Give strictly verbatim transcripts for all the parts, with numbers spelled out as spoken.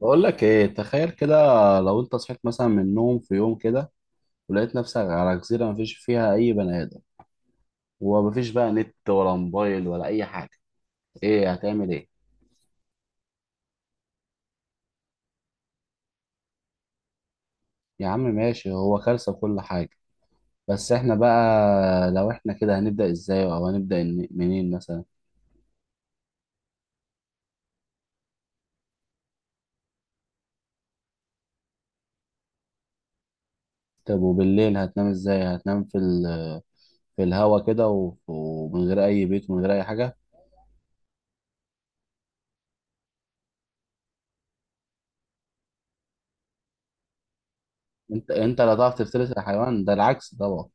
بقول لك ايه، تخيل كده. لو انت صحيت مثلا من النوم في يوم كده ولقيت نفسك على جزيرة مفيش فيها اي بني ادم، ومفيش بقى نت ولا موبايل ولا اي حاجة، ايه هتعمل؟ ايه؟ يا عم ماشي، هو كارثة كل حاجة. بس احنا بقى لو احنا كده هنبدأ ازاي؟ او هنبدأ إن- منين مثلا؟ طب وبالليل هتنام ازاي؟ هتنام في ال في الهوا كده و- ومن غير اي بيت ومن غير اي حاجة؟ انت انت لا تعرف تفترس الحيوان ده، العكس طبعا.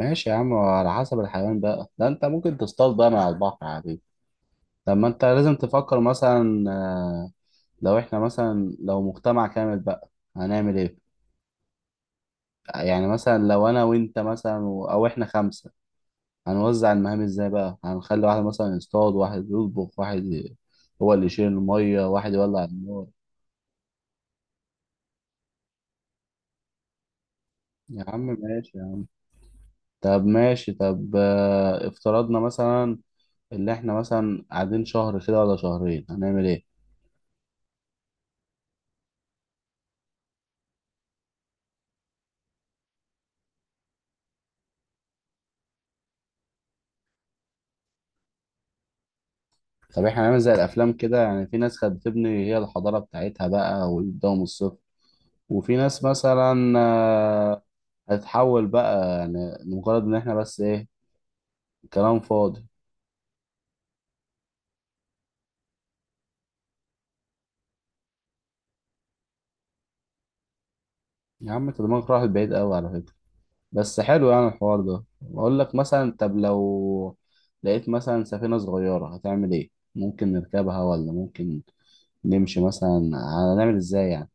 ماشي يا عم، على حسب الحيوان بقى ده، انت ممكن تصطاد بقى من على البحر عادي. لما انت لازم تفكر مثلا. آه، لو احنا مثلا لو مجتمع كامل بقى، هنعمل ايه؟ يعني مثلا لو انا وانت مثلا و- او احنا خمسة، هنوزع المهام ازاي بقى؟ هنخلي واحد مثلا يصطاد، واحد يطبخ، واحد ي- هو اللي يشيل المية، واحد يولع النار. يا عم ماشي يا عم. طب ماشي، طب آه، افترضنا مثلا اللي احنا مثلا قاعدين شهر كده ولا شهرين، هنعمل ايه؟ طب احنا هنعمل زي الافلام كده يعني، في ناس كانت بتبني هي الحضاره بتاعتها بقى ويبداوا من الصفر، وفي ناس مثلا آه، هتتحول بقى، يعني مجرد ان احنا بس ايه. كلام فاضي. يا عم انت دماغك راحت بعيد قوي على فكره. بس حلو يعني الحوار ده. بقول لك مثلا، طب لو لقيت مثلا سفينه صغيره هتعمل ايه؟ ممكن نركبها ولا ممكن نمشي مثلا؟ هنعمل ازاي يعني؟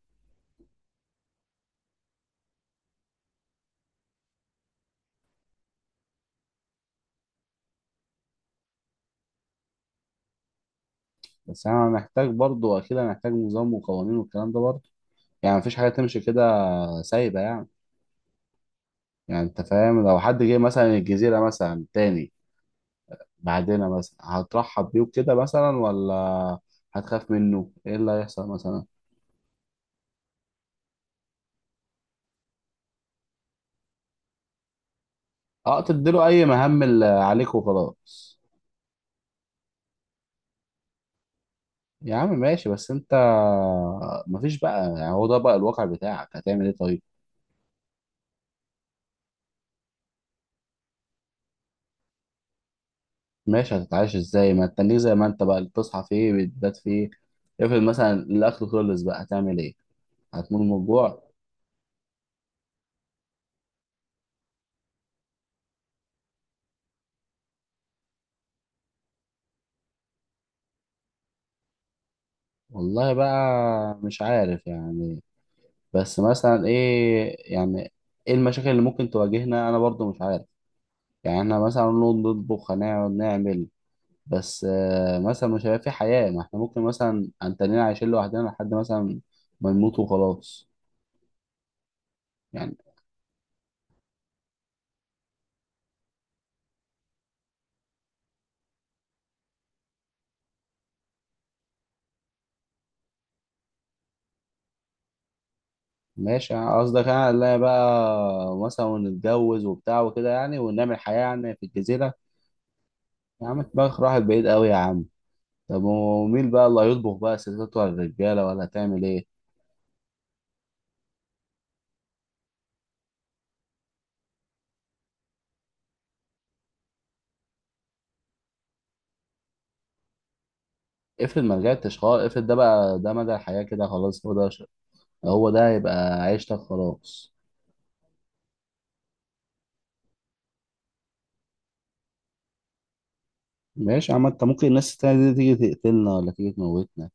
بس انا محتاج برضو، اكيد هنحتاج نظام وقوانين والكلام ده برضو. يعني مفيش حاجه تمشي كده سايبه يعني. يعني انت فاهم، لو حد جه مثلا الجزيرة مثلا تاني بعدنا مثلا، هترحب بيه وكده مثلا ولا هتخاف منه؟ ايه اللي هيحصل مثلا؟ اه، تديله اي مهام اللي عليك وخلاص. يا عم ماشي بس انت مفيش بقى يعني، هو ده بقى الواقع بتاعك، هتعمل ايه طيب؟ ماشي، هتتعايش ازاي؟ ما تتنيك زي ما انت بقى اللي بتصحى فيه بتبات فيه. افرض مثلا الاكل خلص بقى، هتعمل ايه؟ هتموت من الجوع. والله بقى مش عارف يعني. بس مثلا ايه يعني؟ ايه المشاكل اللي ممكن تواجهنا؟ انا برضو مش عارف. يعني احنا مثلا نقعد نطبخ، هنقعد نعمل. بس آه، مثلا مش هيبقى في حياة. ما احنا ممكن مثلا هنتنين عايشين لوحدنا لحد مثلا ما نموت وخلاص يعني. ماشي، يعني قصدك انا لا بقى مثلا نتجوز وبتاع وكده يعني، ونعمل حياة يعني في الجزيرة؟ يا عم دماغك راحت بعيد قوي يا عم. طب ومين بقى اللي هيطبخ بقى؟ الستات ولا الرجالة؟ ولا هتعمل ايه؟ افرض ما رجعتش خالص، افرض ده بقى ده مدى الحياة كده، خلاص هو ده ش... هو ده هيبقى عيشتك خلاص. ماشي يا عم، انت ممكن الناس التانية دي تيجي تقتلنا ولا تيجي تموتنا،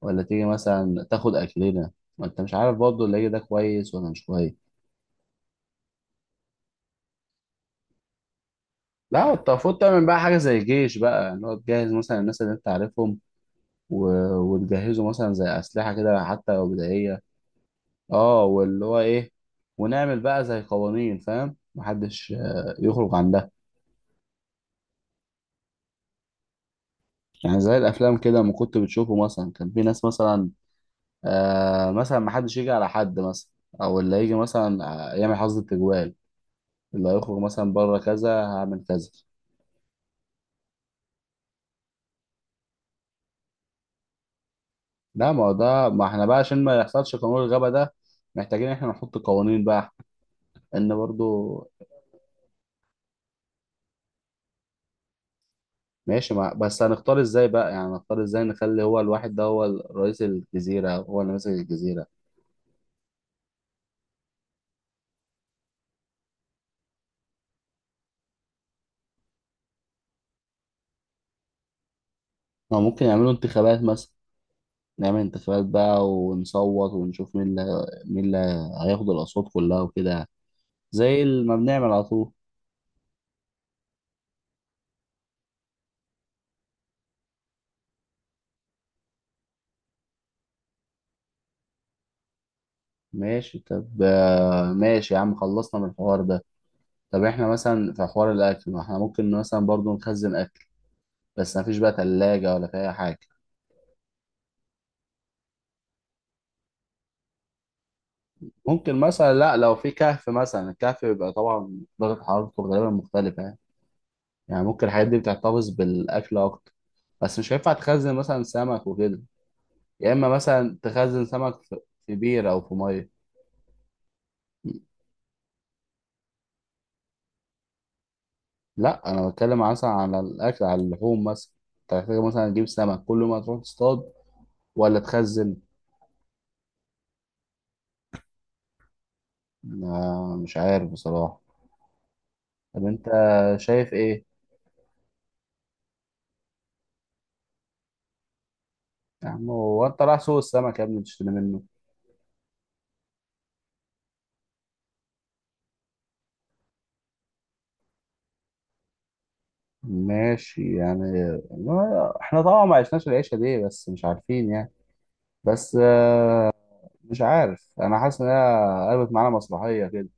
ولا تيجي مثلا تاخد أكلنا. ما انت مش عارف برضه اللي هيجي ده كويس ولا مش كويس. لا انت المفروض تعمل بقى حاجة زي جيش بقى يعني، هو تجهز مثلا الناس اللي انت عارفهم و... وتجهزوا مثلا زي أسلحة كده حتى لو بدائية. اه، واللي هو ايه، ونعمل بقى زي قوانين، فاهم، محدش آه، يخرج عن ده. يعني زي الافلام كده ما كنت بتشوفه، مثلا كان في ناس مثلا آه، مثلا ما حدش يجي على حد مثلا، او اللي يجي مثلا آه، يعمل حظ التجوال، اللي هيخرج مثلا بره كذا هعمل كذا. لا ما هو ده، ما احنا بقى عشان ما يحصلش قانون الغبا ده، محتاجين احنا نحط قوانين بقى. ان برضو ماشي مع... بس هنختار ازاي بقى يعني؟ هنختار ازاي نخلي هو الواحد ده هو رئيس الجزيرة، هو اللي ماسك الجزيرة؟ ما ممكن يعملوا انتخابات مثلا. نعمل انتخابات بقى ونصوت ونشوف مين اللي مين اللي هياخد الأصوات كلها وكده يعني. زي ما بنعمل على طول. ماشي، طب آه، ماشي يا عم، خلصنا من الحوار ده. طب احنا مثلا في حوار الأكل، ما احنا ممكن مثلا برضو نخزن أكل. بس مفيش بقى تلاجة ولا في أي حاجة. ممكن مثلا، لا لو في كهف مثلا، الكهف بيبقى طبعا درجة حرارته غالبا مختلفة يعني. يعني ممكن الحاجات دي بتحتفظ بالأكل أكتر. بس مش هينفع تخزن مثلا سمك وكده. يا إما مثلا تخزن سمك في في بير أو في مية. لا انا بتكلم مثلا على الاكل، على اللحوم مثلا. انت محتاج مثلا تجيب سمك كل ما تروح تصطاد ولا تخزن؟ آه مش عارف بصراحه. طب انت شايف ايه؟ يا عم هو انت رايح سوق السمك يا ابني تشتري منه؟ ماشي يعني، ما- احنا طبعا ما عشناش العيشه دي، بس مش عارفين يعني. بس آه، مش عارف، انا حاسس ان هي قلبت معانا مسرحيه كده.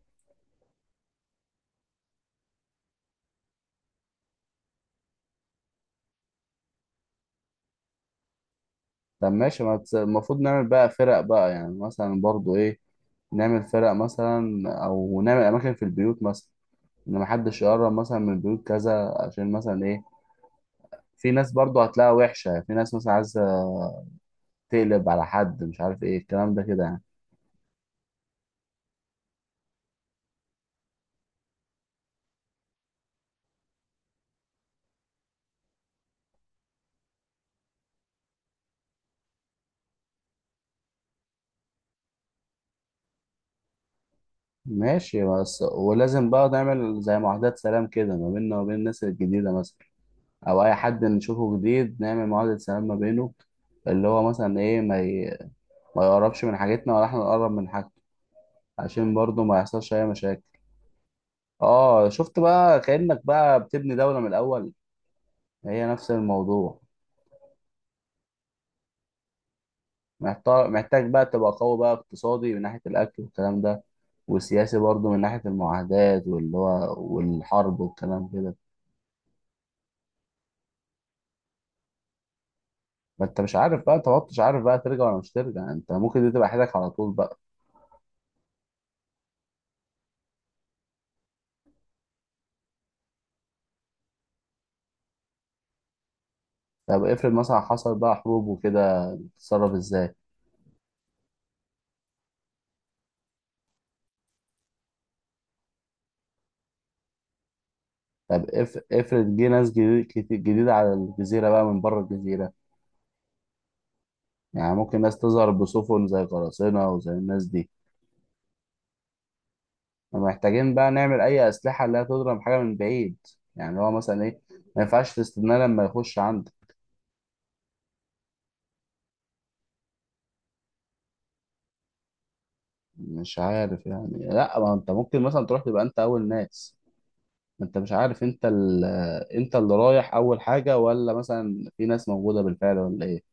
طب ماشي، ما تس- المفروض نعمل بقى فرق بقى يعني، مثلا برضو ايه، نعمل فرق مثلا او نعمل اماكن في البيوت مثلا، ان محدش يقرب مثلا من بيوت كذا، عشان مثلا ايه، في ناس برضو هتلاقيها وحشة، في ناس مثلا عايزة تقلب على حد، مش عارف ايه الكلام ده كده يعني. ماشي، بس ولازم بقى نعمل زي معاهدات سلام كده ما بيننا وبين الناس الجديدة مثلا، أو أي حد نشوفه جديد نعمل معاهدة سلام ما بينه، اللي هو مثلا إيه، ما, ي... ما يقربش من حاجتنا ولا إحنا نقرب من حاجته، عشان برضه ما يحصلش أي مشاكل. آه شفت بقى، كأنك بقى بتبني دولة من الأول، هي نفس الموضوع. محتار، محتاج بقى تبقى قوي بقى، اقتصادي من ناحية الأكل والكلام ده، وسياسي برضه من ناحية المعاهدات واللي هو والحرب والكلام كده. ما انت مش عارف بقى، انت ما كنتش عارف بقى ترجع ولا مش ترجع، انت ممكن دي تبقى حياتك على طول بقى. طب افرض مثلا حصل بقى حروب وكده، تتصرف ازاي؟ طب اف- افرض جه ناس جديد- كتير- جديدة على الجزيرة بقى من بره الجزيرة، يعني ممكن ناس تظهر بسفن زي قراصنة وزي الناس دي. ومحتاجين بقى نعمل أي أسلحة اللي هي تضرب حاجة من بعيد، يعني هو مثلا إيه، ما ينفعش تستناه لما يخش عندك. مش عارف يعني، لا ما أنت ممكن مثلا تروح تبقى أنت أول ناس. ما أنت مش عارف، أنت ال... أنت اللي رايح أول حاجة ولا مثلا في ناس موجودة بالفعل ولا إيه.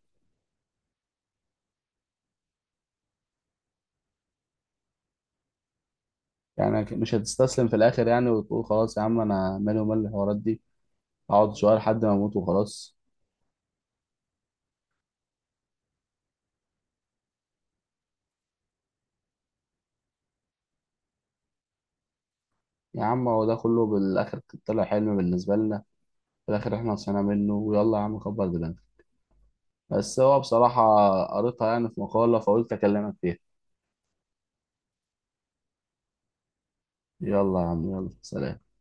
يعني مش هتستسلم في الآخر يعني، وتقول خلاص يا عم أنا مالي ومال الحوارات دي، أقعد شوية لحد ما أموت وخلاص. يا عم هو ده كله بالآخر طلع حلم بالنسبة لنا، في الآخر إحنا صحينا منه، ويلا يا عم كبر دماغك. بس هو بصراحة قريتها يعني في مقالة، فقلت أكلمك فيها. يلا يا عم، يلا سلام.